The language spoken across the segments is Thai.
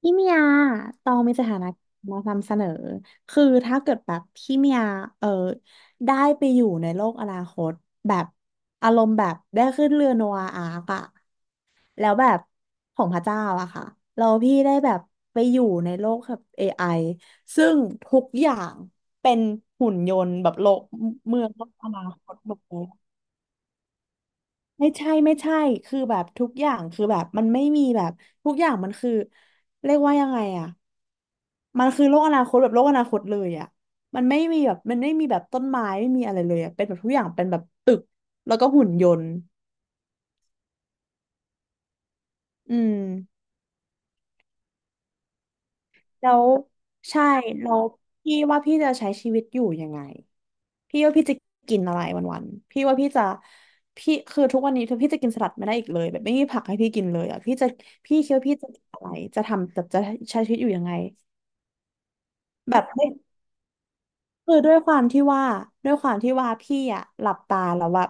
พี่เมียตองมีสถานะมานำเสนอ คือถ้าเกิดแบบพี่เมียเออได้ไปอยู่ในโลกอนาคตแบบอารมณ์แบบได้ขึ้นเรือโนอาอาร์กอะแล้วแบบของพระเจ้าอะค่ะ เราพี่ได้แบบไปอยู่ในโลกแบบ AI ซึ่งทุกอย่างเป็นหุ่นยนต์แบบโลกเมืองโลกอนาคตหมดเลย ไม่ใช่ไม่ใช่คือแบบทุกอย่างคือแบบมันไม่มีแบบทุกอย่างมันคือเรียกว่ายังไงอะมันคือโลกอนาคตแบบโลกอนาคตเลยอะมันไม่มีแบบมันไม่มีแบบต้นไม้ไม่มีอะไรเลยอะเป็นแบบทุกอย่างเป็นแบบตึกแล้วก็หุ่นยนต์อืม แล้วใช่แล้วพี่ว่าพี่จะใช้ชีวิตอยู่ยังไงพี่ว่าพี่จะกินอะไรวันๆพี่ว่าพี่จะพี่คือทุกวันนี้คือพี่จะกินสลัดไม่ได้อีกเลยแบบไม่มีผักให้พี่กินเลยอ่ะพี่จะพี่คิดว่าพี่จะกินอะไรจะทำจะใช้ชีวิตอยู่ยังไงแบบไม่คือด้วยความที่ว่าด้วยความที่ว่าพี่อ่ะหลับตาแล้วว่า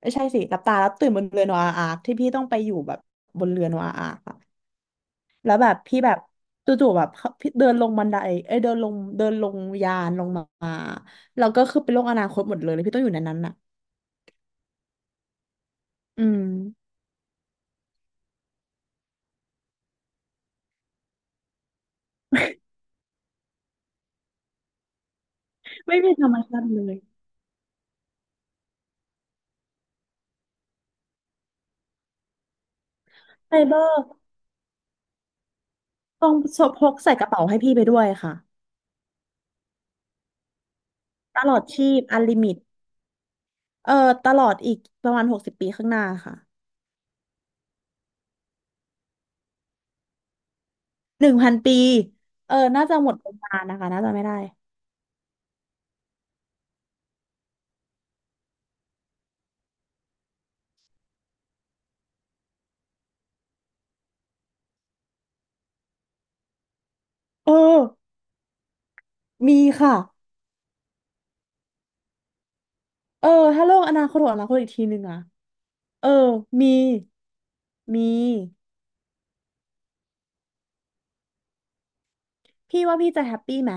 ไม่ใช่สิหลับตาแล้วตื่นบนเรือโนอาอาร์คที่พี่ต้องไปอยู่แบบบนเรือโนอาอาร์ค แล้วแบบพี่แบบจู่ๆแบบพี่เดินลงบันไดเอ้ยเดินลงเดินลงยานลงมาแล้วก็คือเป็นโลกอนาคตหมดเลยแล้วพี่ต้องอยู่ในนั้นน่ะอืมไม่มีธรรมชาติเลยไฟเบอร์ต้องพกใส่กระเป๋าให้พี่ไปด้วยค่ะตลอดชีพอันลิมิตเออตลอดอีกประมาณ60 ปีข้างหน้าค่ะ1,000 ปีน่าจะหมดประมาณนะคะน่าจะไม่ได้เออมีค่ะเออถ้าโลกอนาคตของอนาคตอีกทีหนึ่งอะเออมีมี พี่ว่าพี่จะแฮปปี้ไหม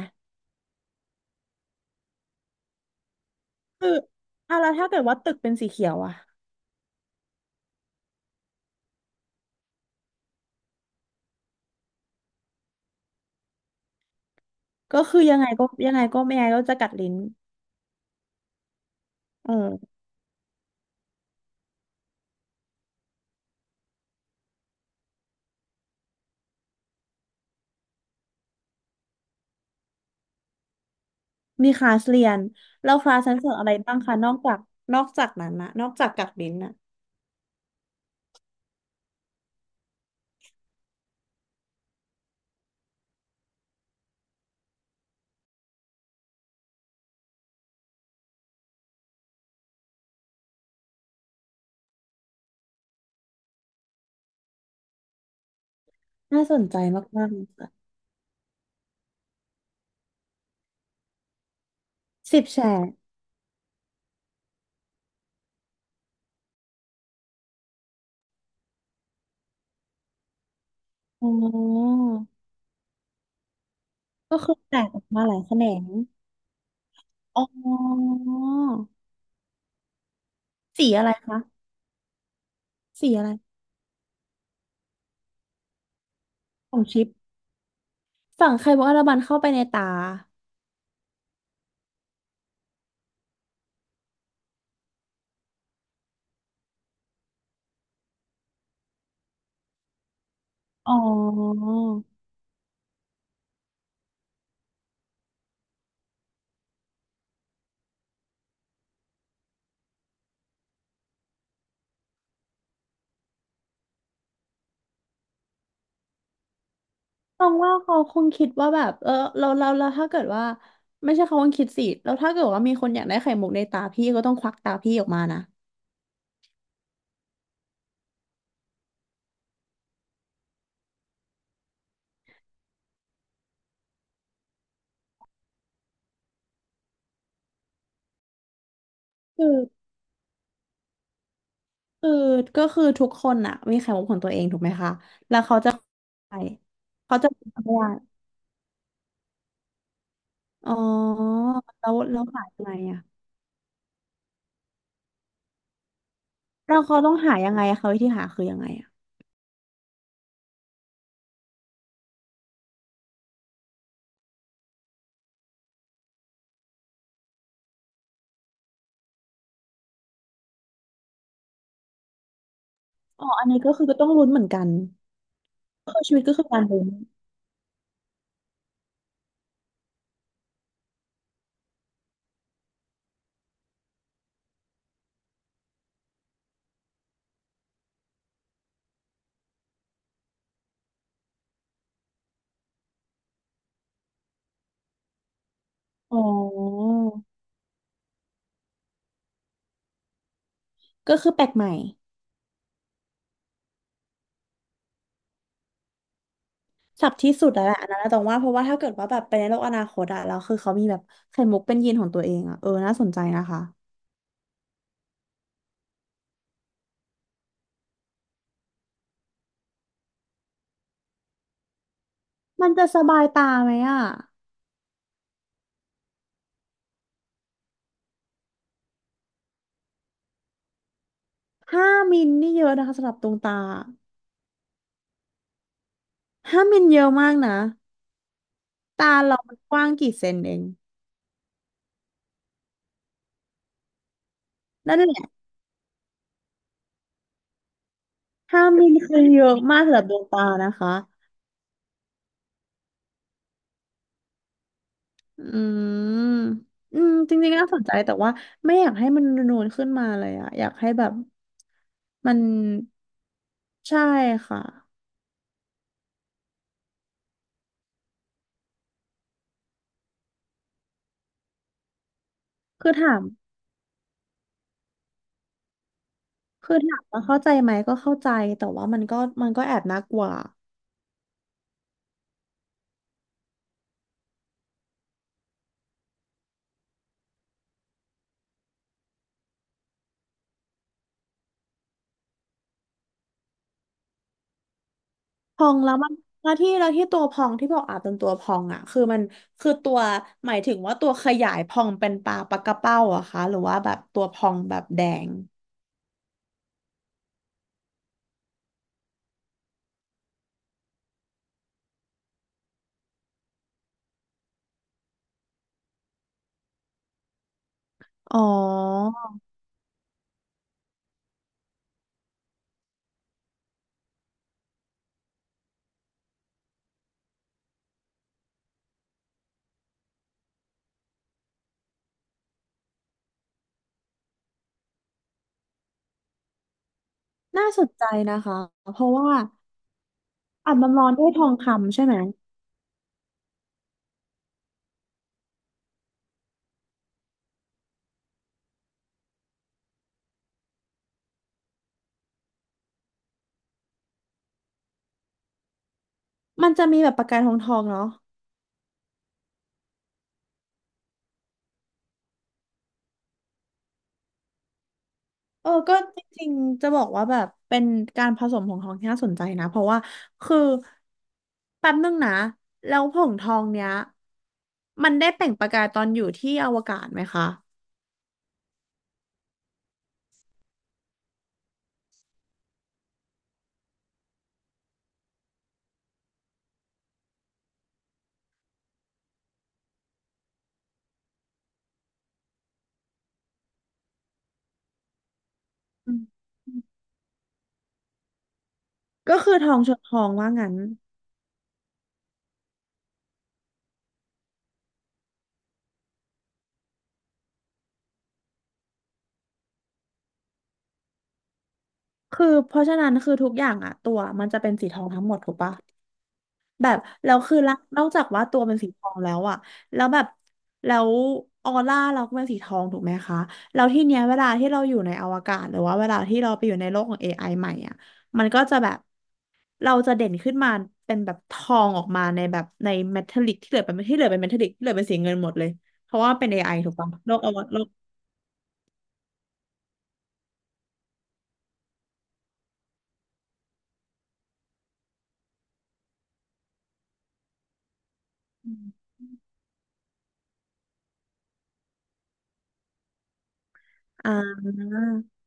คืออ่ะแล้วถ้าเกิดว่าตึกเป็นสีเขียวอ่ะก็คือยังไงก็ยังไงก็ไม่ไงก็จะกัดลิ้นเออมีคลาสเรียนแล้วคลาสฉันสอนอะไรบ้างคะนอกจากนอกจากนั้นนะนอกจากกัดลิ้นนะน่าสนใจมากๆเลยค่ะสิบแฉกอ๋อก็คือแตกออกมาหลายแขนงอ๋อสีอะไรคะสีอะไรของชิปฝั่งไคโบอาราบันเข้าไปในตาอ๋อ มองว่าเขาคงคิดว่าแบบเราถ้าเกิดว่าไม่ใช่เขาคงคิดสิแล้วถ้าเกิดว่ามีคนอยากได้ไข่มุกในตาพี่ก็ต้องควักตาพี่ออกมานะคือคือก็คือทุกคนอะมีไข่มุกของตัวเองถูกไหมคะใช่เขาจะไม่ได้อ๋อแล้วแล้วหายังไงอะเราเขาต้องหายังไงอะเขาวิธีหาคือยังไงอะอ๋ออันนี้ก็คือก็ต้องลุ้นเหมือนกันก็คือชีวิตก็คือการลุ้นอ๋อก็คือแปลกใหม่ สับที่สุดแล้วแหละอันนั้นนะตรงว่าเพราะว่าถ้าเกิดว่าแบบไปในโลกอนาคตอะแล้วคือเขามีแบบไข่มุกเป็นยีนของตัวเองอะน่าสนใจนะคะมันจะสบายตาไหมอะห้ามิลนี่เยอะนะคะสำหรับดวงตาห้ามิลเยอะมากนะตาเรามันกว้างกี่เซนเองนั่นแหละห้ามิลคือเยอะมากสำหรับดวงตานะคะอืมอืมจริงๆน่าสนใจแต่ว่าไม่อยากให้มันนูนขึ้นมาเลยอะอยากให้แบบมันใช่ค่ะคือถาม คือถามว่าเข้าใจไหมก็เข้าใจแต่ว่ามันก็มันก็แอบน่ากลัวพองแล้วมันแล้วที่แล้วที่ตัวพองที่บอกอาจเป็นตัวพองอ่ะคือมันคือหมายถึงว่าตัวขยายพองเป็นปลาปลากระเป้าอะคะหรือว่าแบบตัวพองแบบแดงอ๋อน่าสนใจนะคะเพราะว่าอาจมันร้อนด้วยทองคำใช่ไหมมันจะมีแบบประกายทองทองเนาะ ก็จริงๆจะบอกว่าแบบเป็นการผสมของทองที่น่าสนใจนะเพราะว่าคือแป๊บนึงนะแล้วผงทองเนี้ยมันได้เปล่งประกายตอนอยู่ที่อวกาศไหมคะอืมก็คือทองชนทองว่างั้นคือเพราะฉะนั้นคือทุกอย่างอะตัวมันจะเป็นสีทองทั้งหมดถูกปะ แบบแล้วคือละนอกจากว่าตัวเป็นสีทองแล้วอะแล้วแบบแล้วออร่าเราก็เป็นสีทองถูกไหมคะแล้วที่เนี้ยเวลาที่เราอยู่ในอวกาศหรือว่าเวลาที่เราไปอยู่ในโลกของ a อไอใหม่อะมันก็จะแบบเราจะเด่นขึ้นมาเป็นแบบทองออกมาในแบบในเมทัลลิกที่เหลือเป็นที่เหลือเป็นเมทัลลิกที่เหลือเป็นสีเงินหมดเลยเพราะว่าเป็น AI ถูกปะโลกอวโลกอ่า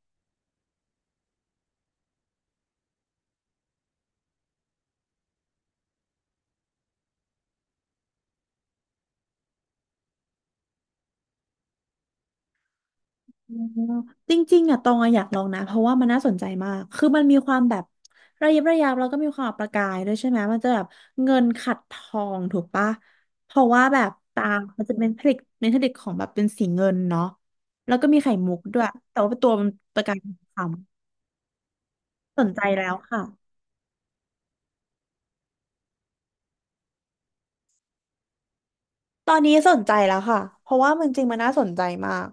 อ๋อจริงๆอ่ะตองอะอยากลองนะเพราะว่ามันน่าสนใจมากคือมันมีความแบบระยิบระยับแล้วก็มีความประกายด้วยใช่ไหมมันจะแบบเงินขัดทองถูกปะเพราะว่าแบบตามันจะเป็นผลิตเป็นผลิตของแบบเป็นสีเงินเนาะแล้วก็มีไข่มุกด้วยแต่ว่าตัวมันประกายเป็นทองคำสนใจแล้วค่ะตอนนี้สนใจแล้วค่ะเพราะว่ามันจริงมันน่าสนใจมาก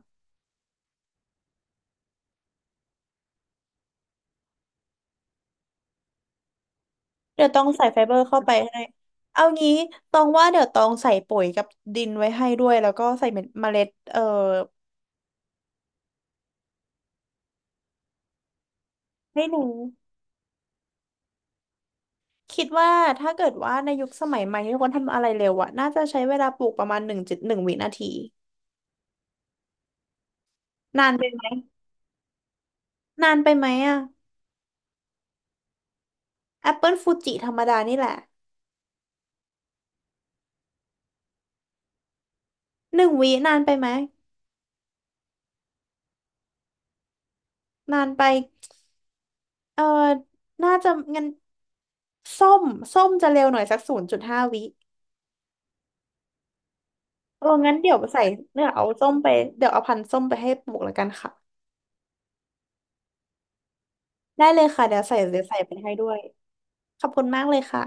เดี๋ยวต้องใส่ไฟเบอร์เข้าไปให้เอางี้ตองว่าเดี๋ยวตองใส่ปุ๋ยกับดินไว้ให้ด้วยแล้วก็ใส่เม็ดเมล็ดไม่รู้คิดว่าถ้าเกิดว่าในยุคสมัยใหม่ที่คนทำอะไรเร็วอะน่าจะใช้เวลาปลูกประมาณ1.1 วินาทีนานไปไหมนานไปไหมอะแอปเปิลฟูจิธรรมดานี่แหละหนึ่งวินานไปไหมนานไปเออน่าจะงั้นส้มส้มจะเร็วหน่อยสัก0.5 วิเอองั้นเดี๋ยวใส่เดี๋ยวเอาส้มไปเดี๋ยวเอาพันธุ์ส้มไปให้ปลูกแล้วกันค่ะได้เลยค่ะเดี๋ยวใส่เดี๋ยวใส่ไปให้ด้วยขอบคุณมากเลยค่ะ